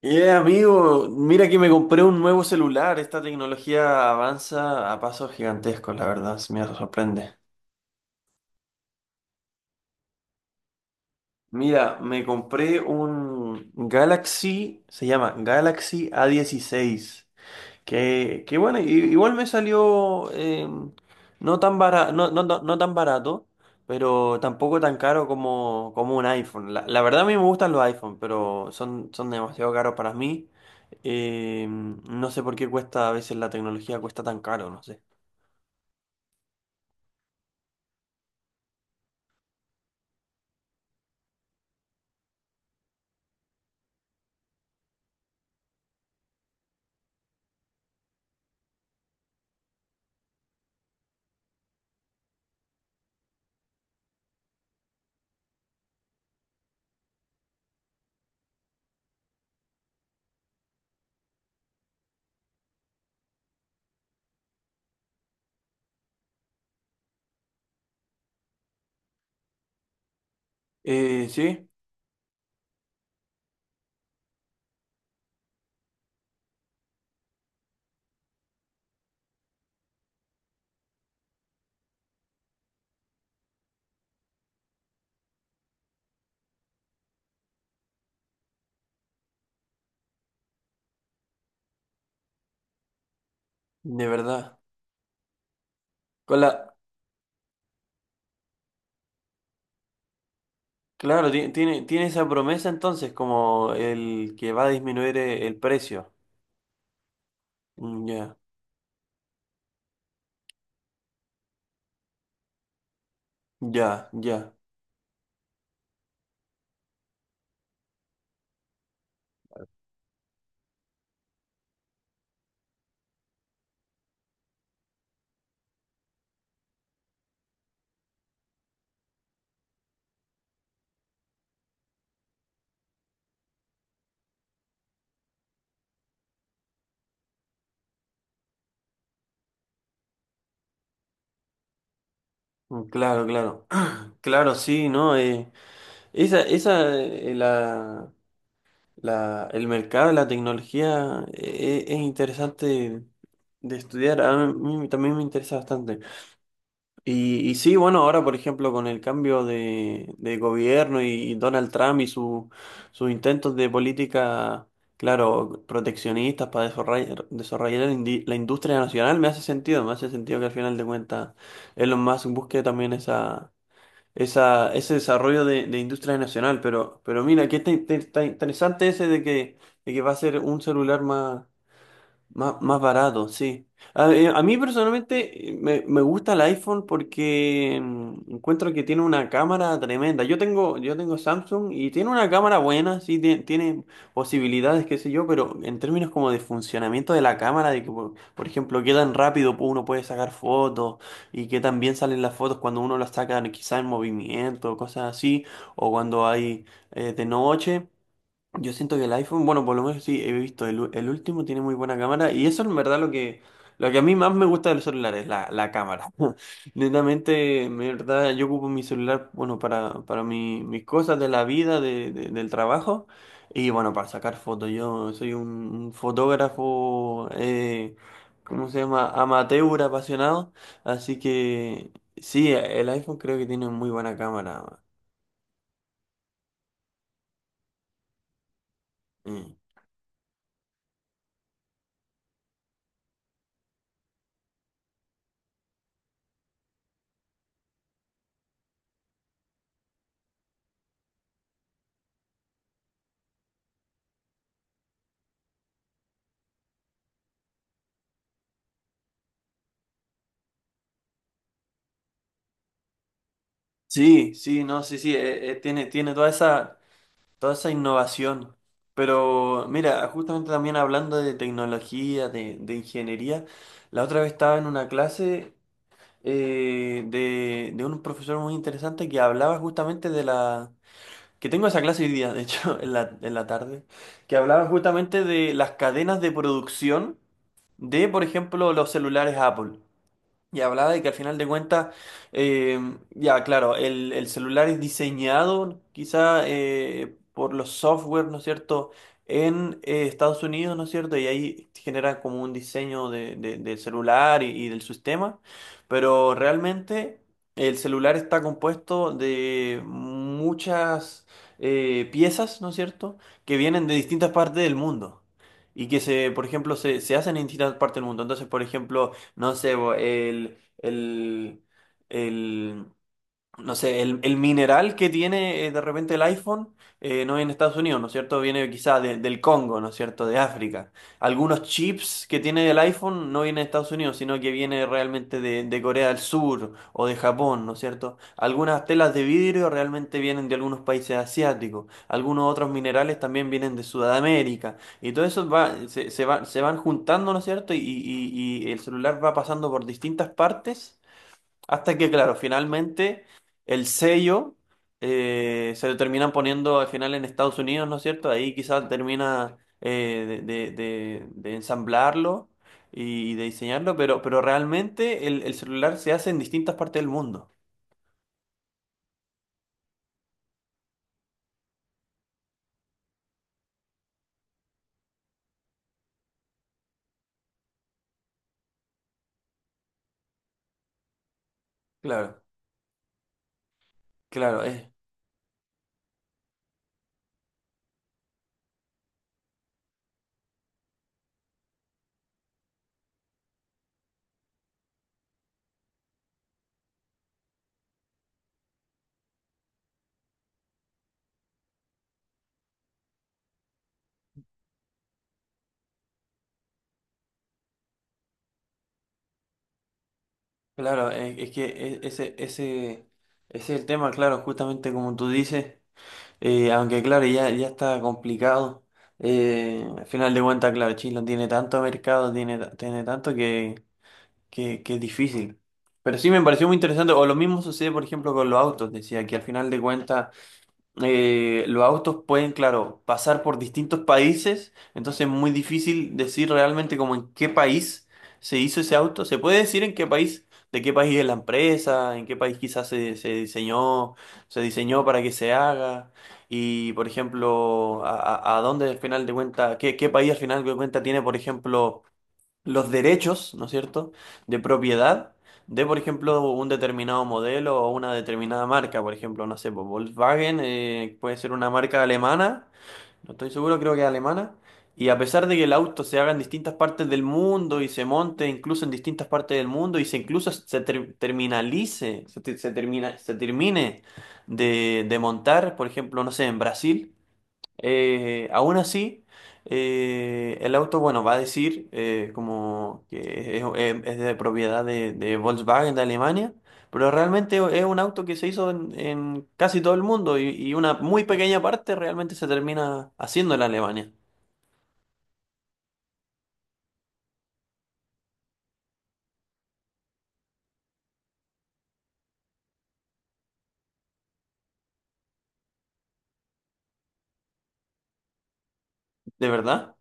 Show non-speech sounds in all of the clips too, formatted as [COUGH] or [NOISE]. Amigo, mira que me compré un nuevo celular. Esta tecnología avanza a pasos gigantescos, la verdad, se me sorprende. Mira, me compré un Galaxy, se llama Galaxy a 16. Que bueno, igual me salió no tan barato, no tan barato, pero tampoco tan caro como un iPhone. La verdad a mí me gustan los iPhone, pero son demasiado caros para mí. No sé por qué cuesta, a veces la tecnología cuesta tan caro, no sé. Sí, de verdad. Con la, claro, tiene esa promesa entonces como el que va a disminuir el precio. Mm, ya, ya, ya. Mm, claro, claro. [CLEARS THROAT] Claro, sí, ¿no? Esa, esa, eh, la, el mercado, la tecnología, es interesante de estudiar. A mí también me interesa bastante. Y sí, bueno, ahora, por ejemplo, con el cambio de gobierno y Donald Trump y sus intentos de política, claro, proteccionistas para desarrollar, la industria nacional, me hace sentido que al final de cuentas Elon Musk busque también ese desarrollo de industria nacional. Pero mira, qué tan tan interesante ese de que va a ser un celular más barato, sí. A mí personalmente me gusta el iPhone porque encuentro que tiene una cámara tremenda. Yo tengo Samsung y tiene una cámara buena, sí, posibilidades, qué sé yo, pero en términos como de funcionamiento de la cámara, de que, por ejemplo, qué tan rápido uno puede sacar fotos y qué tan bien salen las fotos cuando uno las saca quizá en movimiento, cosas así, o cuando hay de noche. Yo siento que el iPhone, bueno, por lo menos sí, he visto, el último tiene muy buena cámara y eso en verdad lo que a mí más me gusta de los celulares, la cámara. [LAUGHS] Netamente, en verdad, yo ocupo mi celular, bueno, para mis cosas de la vida, del trabajo y bueno, para sacar fotos. Yo soy un fotógrafo, ¿cómo se llama? Amateur, apasionado, así que sí, el iPhone creo que tiene muy buena cámara. Mm. Sí, sí, no, sí, sí, tiene toda esa innovación. Pero mira, justamente también hablando de tecnología, de ingeniería, la otra vez estaba en una clase de un profesor muy interesante que hablaba justamente de la... Que tengo esa clase hoy día, de hecho, [LAUGHS] en la tarde, que hablaba justamente de las cadenas de producción de, por ejemplo, los celulares Apple. Y hablaba de que al final de cuentas, eh, ya claro, el celular es diseñado quizá por los software, ¿no es cierto?, en Estados Unidos, ¿no es cierto?, y ahí genera como un diseño del celular y del sistema, pero realmente el celular está compuesto de muchas piezas, ¿no es cierto?, que vienen de distintas partes del mundo. Y que se, por ejemplo, se hacen en distintas partes del mundo. Entonces, por ejemplo, no sé, bo, el, no sé, el mineral que tiene de repente el iPhone no viene de Estados Unidos, ¿no es cierto? Viene quizá del Congo, ¿no es cierto? De África. Algunos chips que tiene el iPhone no vienen de Estados Unidos, sino que viene realmente de Corea del Sur o de Japón, ¿no es cierto? Algunas telas de vidrio realmente vienen de algunos países asiáticos. Algunos otros minerales también vienen de Sudamérica. Y todo eso va, se van juntando, ¿no es cierto? Y el celular va pasando por distintas partes hasta que, claro, finalmente el sello se lo terminan poniendo al final en Estados Unidos, ¿no es cierto? Ahí quizás termina de ensamblarlo y de diseñarlo, pero realmente el celular se hace en distintas partes del mundo. Claro, claro, es que ese es el tema, claro, justamente como tú dices. Aunque claro, ya está complicado. Al final de cuentas, claro, Chile no tiene tanto mercado, tiene tanto que es difícil. Pero sí me pareció muy interesante, o lo mismo sucede, por ejemplo, con los autos, decía que al final de cuentas los autos pueden, claro, pasar por distintos países, entonces es muy difícil decir realmente como en qué país se hizo ese auto. Se puede decir en qué país, de qué país es la empresa, en qué país quizás se diseñó para que se haga, y por ejemplo, a dónde al final de cuenta, qué país al final de cuenta tiene, por ejemplo, los derechos, ¿no es cierto?, de propiedad de, por ejemplo, un determinado modelo o una determinada marca, por ejemplo, no sé, pues, Volkswagen puede ser una marca alemana, no estoy seguro, creo que es alemana, y a pesar de que el auto se haga en distintas partes del mundo y se monte incluso en distintas partes del mundo y se, te- se termina, se termine de montar, por ejemplo, no sé, en Brasil. Aún así, el auto, bueno, va a decir como que es de propiedad de Volkswagen de Alemania, pero realmente es un auto que se hizo en casi todo el mundo y una muy pequeña parte realmente se termina haciendo en Alemania, de verdad.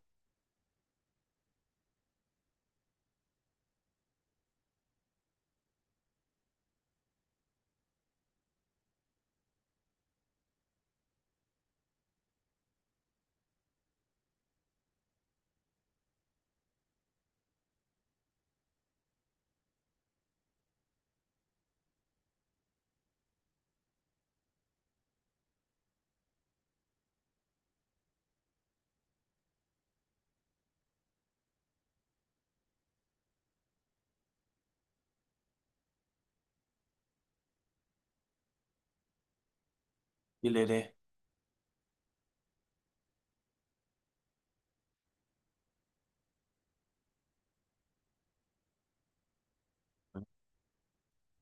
Y le...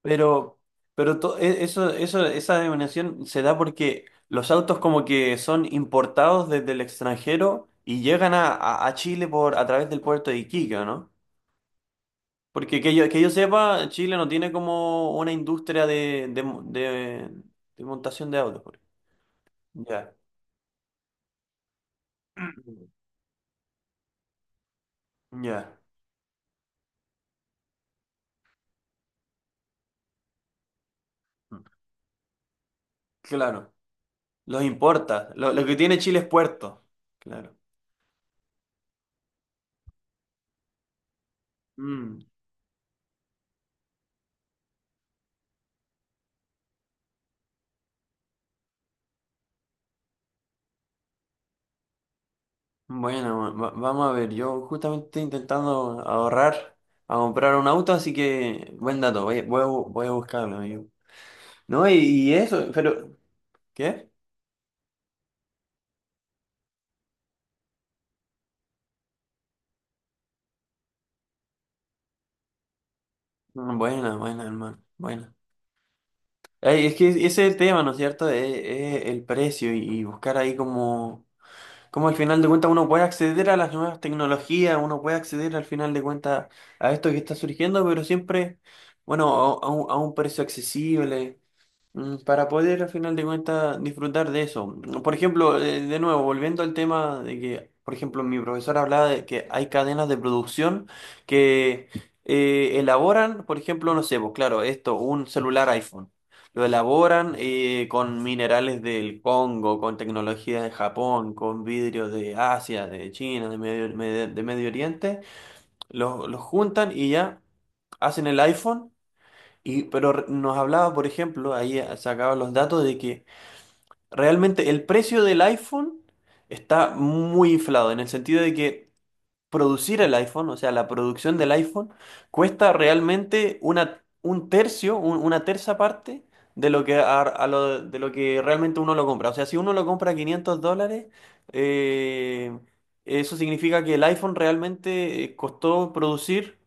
Pero, esa denominación se da porque los autos como que son importados desde el extranjero y llegan a Chile a través del puerto de Iquique, ¿o no? Porque que yo sepa, Chile no tiene como una industria de montación de autos, por ejemplo. Ya, ya, claro. Los importa. Lo que tiene Chile es puerto. Claro. Mm. Bueno, vamos a ver. Yo justamente estoy intentando ahorrar a comprar un auto, así que buen dato. Voy a buscarlo, amigo. No, y eso, pero... ¿Qué? Mm, buena, buena, hermano. Buena. Ay, es que ese es el tema, ¿no es cierto? Es el precio y buscar ahí como al final de cuentas uno puede acceder a las nuevas tecnologías, uno puede acceder al final de cuentas a esto que está surgiendo, pero siempre, bueno, a un precio accesible. Para poder, al final de cuentas, disfrutar de eso. Por ejemplo, de nuevo, volviendo al tema de que, por ejemplo, mi profesor hablaba de que hay cadenas de producción que elaboran, por ejemplo, no sé, pues claro, esto, un celular iPhone. Lo elaboran con minerales del Congo, con tecnología de Japón, con vidrios de Asia, de China, de Medio Oriente. Los juntan y ya hacen el iPhone nos hablaba, por ejemplo, ahí sacaba los datos de que realmente el precio del iPhone está muy inflado, en el sentido de que producir el iPhone, o sea, la producción del iPhone, cuesta realmente un tercio, una terza parte de lo que, de lo que realmente uno lo compra. O sea, si uno lo compra a $500, eh, eso significa que el iPhone realmente costó producir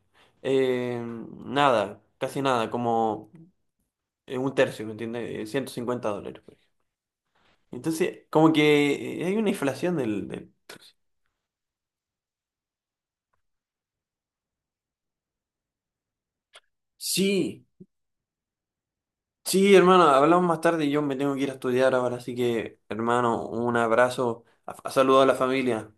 eh, nada, casi nada, como un tercio, ¿me entiendes? $150, por ejemplo. Entonces, como que hay una inflación del... Sí, Sí, hermano, hablamos más tarde y yo me tengo que ir a estudiar ahora, así que, hermano, un abrazo, a saludo a la familia.